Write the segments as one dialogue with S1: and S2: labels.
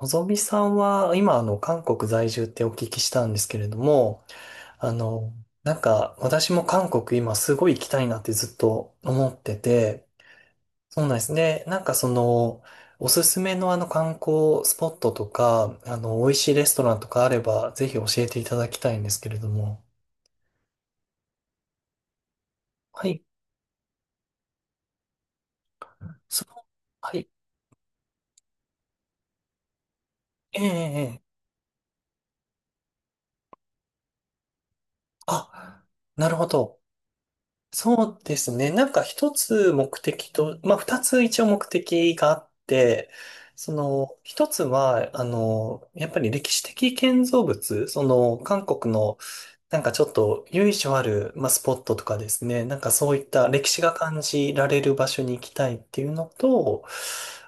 S1: のぞみさんは、今、韓国在住ってお聞きしたんですけれども、あの、私も韓国今すごい行きたいなってずっと思ってて、そうなんですね。おすすめの観光スポットとか、美味しいレストランとかあれば、ぜひ教えていただきたいんですけれども。はい。その、はい。ええ、ええ、あ、なるほど。そうですね。なんか一つ目的と、まあ二つ一応目的があって、その一つは、やっぱり歴史的建造物、その韓国の、なんかちょっと由緒ある、まあ、スポットとかですね、なんかそういった歴史が感じられる場所に行きたいっていうのと、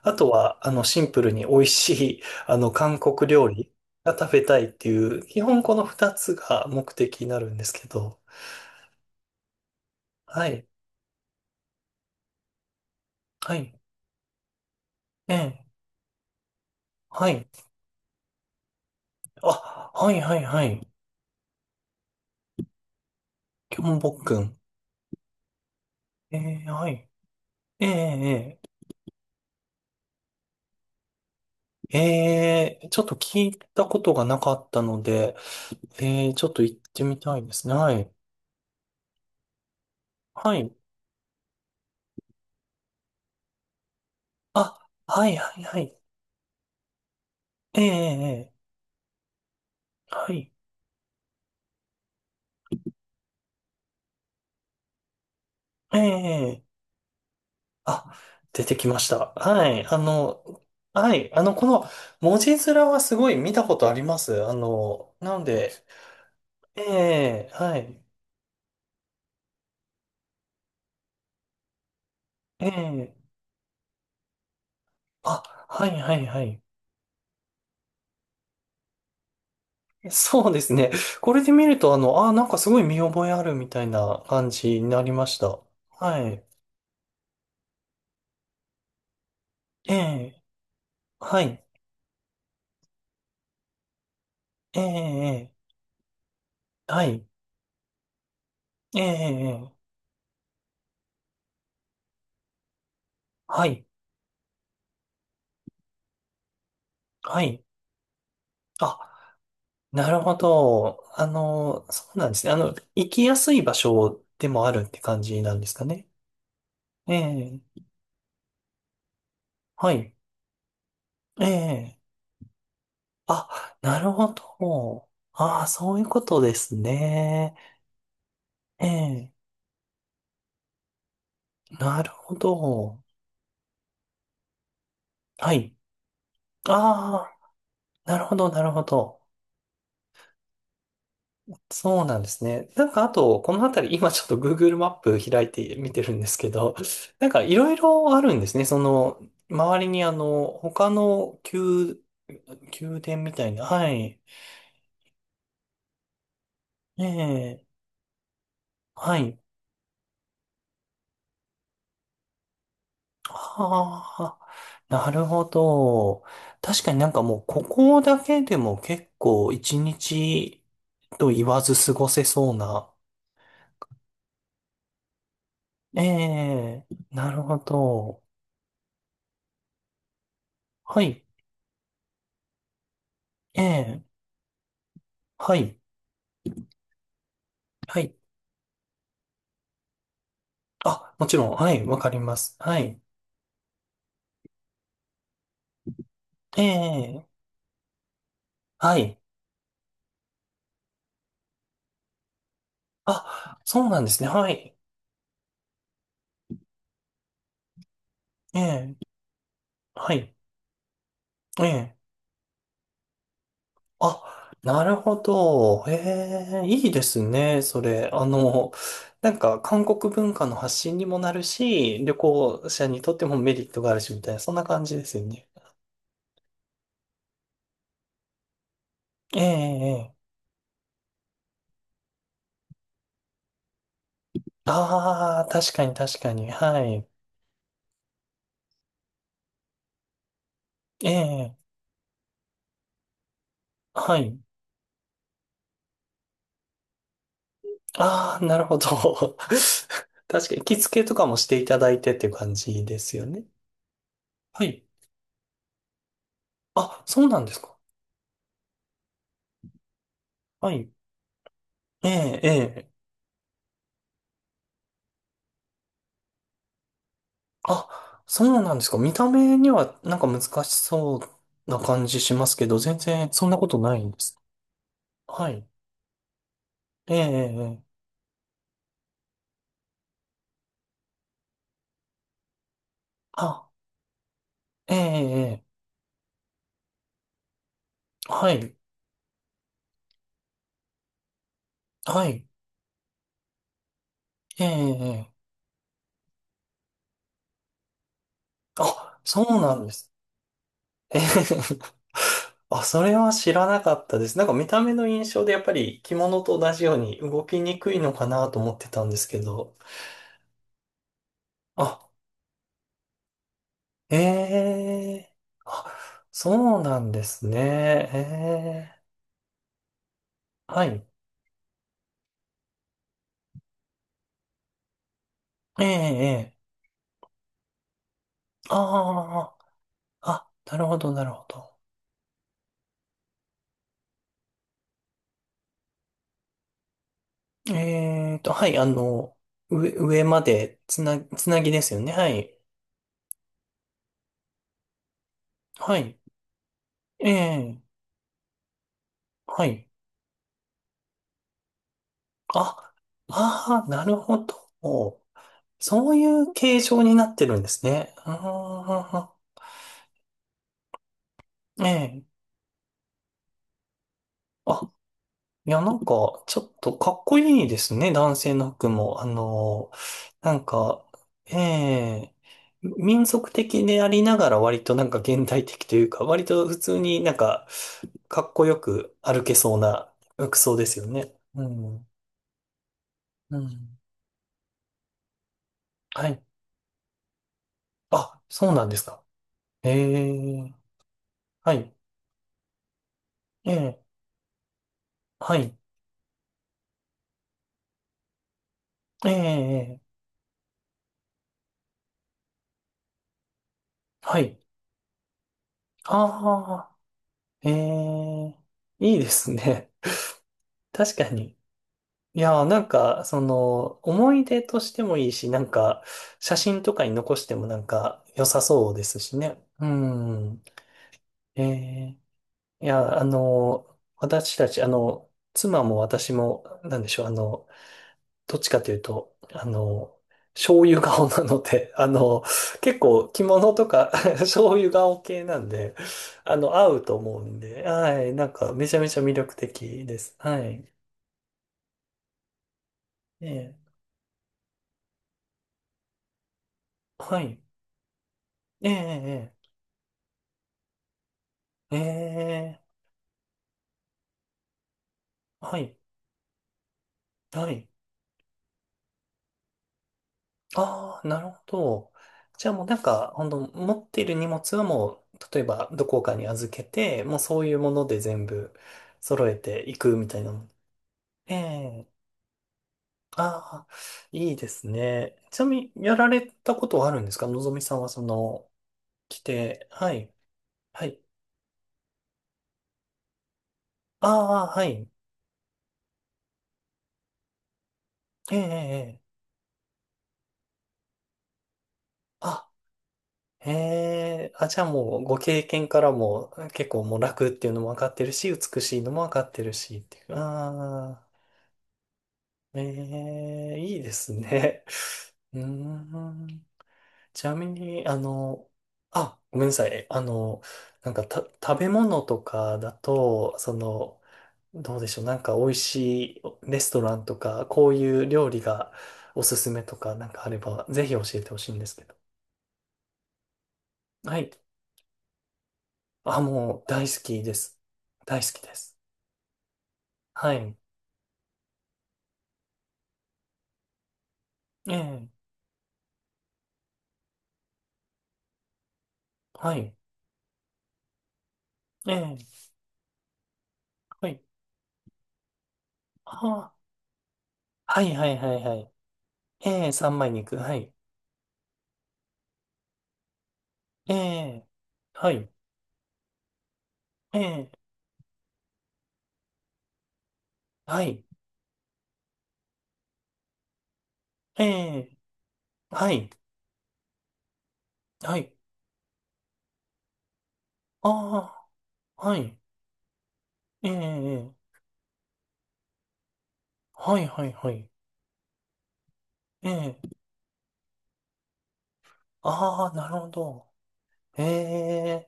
S1: あとは、シンプルに美味しい、韓国料理が食べたいっていう、基本この二つが目的になるんですけど、はい、はい、ええ、はい。あ、はいはいはい。キョンボックン。えー、はい。えー、えー、ちょっと聞いたことがなかったので、えー、ちょっと行ってみたいですね。はい。はい。あ、はいはいはい。えー、えー、はい。えー、え、あ、出てきました。はい。あの、はい。あの、この文字面はすごい見たことあります。あの、なので、えー、はい。えー、あ、はいはいはい。そうですね。これで見ると、あ、なんかすごい見覚えあるみたいな感じになりました。はい。ええ、はい。ええ、ええ、はい。ええ、ええ、はい。はい。あ、なるほど。そうなんですね。あの、行きやすい場所でもあるって感じなんですかね？ええ、はい。ええ、あ、なるほど。ああ、そういうことですね。ええ、なるほど。はい。ああ。なるほど、なるほど。そうなんですね。なんかあと、この辺り、今ちょっと Google マップ開いて見てるんですけど、なんかいろいろあるんですね。その、周りに他の宮殿みたいな。はい。ええ、はい。ああ、なるほど。確かになんかもう、ここだけでも結構一日と言わず過ごせそうな。ええ、なるほど。はい。ええ、はい。はい。あ、もちろん。はい。わかります。はい。ええ、はい。あ、そうなんですね。はい。ええ、はい。ええ。あ、なるほど。ええ、いいですね、それ。韓国文化の発信にもなるし、旅行者にとってもメリットがあるし、みたいな、そんな感じですよね。ええ、ええ。ああ、確かに確かに。はい。ええ、はい。ああ、なるほど。確かに、着付けとかもしていただいてっていう感じですよね？はい。あ、そうなんですか。はい。ええ、ええ。あ、そうなんですか。見た目にはなんか難しそうな感じしますけど、全然そんなことないんです。はい。ええ、ええ。ええ、あ、ええ、ええ。ええ、はい。はい。ええ、ええ。あ、そうなんです。ええ、あ、それは知らなかったです。なんか見た目の印象でやっぱり着物と同じように動きにくいのかなと思ってたんですけど。あ、ええ、あ、そうなんですね。ええ、はい。ええ、ええ、ああ、あ、なるほど、なるほど。ええと、はい、上までつな、つなぎですよね。はい。はい。ええ、はい。あ、ああ、なるほど。そういう形状になってるんですね。ああ、ええ。あ、いや、なんか、ちょっとかっこいいですね、男性の服も。なんか、ええ、民族的でありながら割となんか現代的というか、割と普通になんか、かっこよく歩けそうな服装ですよね。うん。うん。はい。あ、そうなんですか。ええ、はい。ええ、はい。ええ、はい。ああ、ええ、いいですね。確かに。いやー、なんか、その、思い出としてもいいし、なんか、写真とかに残してもなんか、良さそうですしね。うん。ええ、いや、私たち、妻も私も、なんでしょう、あの、どっちかというと、醤油顔なので、あの、結構着物とか 醤油顔系なんで、合うと思うんで、はい、なんかめちゃめちゃ魅力的です。はい。ええ、はい。ええ、ええ、ええ、はい、はい。ああ、なるほど。じゃあもうなんか、ほんと、持っている荷物はもう、例えばどこかに預けて、もうそういうもので全部揃えていくみたいな。ええ、ああ、いいですね。ちなみに、やられたことはあるんですか、のぞみさんはその、来て、はい、はい。ああ、はい。ええ、ええ。ええ、あ、ええ、あ、じゃあもう、ご経験からも、結構もう楽っていうのも分かってるし、美しいのも分かってるし、っていう。ああ、ええ、いいですね。うーん。ちなみに、あ、ごめんなさい。あの、なんか、た、食べ物とかだと、その、どうでしょう。なんか美味しいレストランとか、こういう料理がおすすめとか、なんかあれば、ぜひ教えてほしいんですけど。はい。あ、もう大好きです。大好きです。はい。ええ、はい。ええ、はい。ああ、はいはいはいはい。ええ、三枚肉。はい。ええ、はい。ええ、はい。ええ、はい。はい。ああ、はい。ええ、ええ、はいはいはい。ええ、ああ、なるほど。ええ、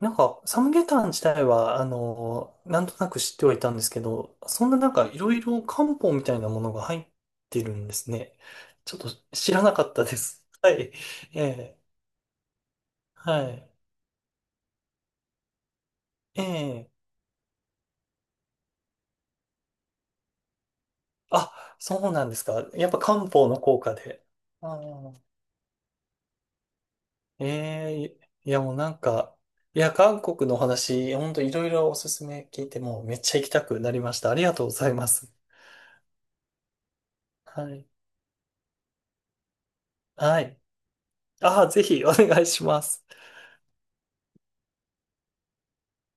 S1: なんか、サムゲタン自体は、なんとなく知ってはいたんですけど、そんななんか、いろいろ漢方みたいなものが入ってるんですね。ちょっと知らなかったです。はい。ええ、はい。ええ、あ、そうなんですか。やっぱ漢方の効果で。ああ、ええ、いやもうなんか、いや、韓国のお話、本当いろいろおすすめ聞いて、もうめっちゃ行きたくなりました。ありがとうございます。はい。はい。ああ、ぜひお願いします。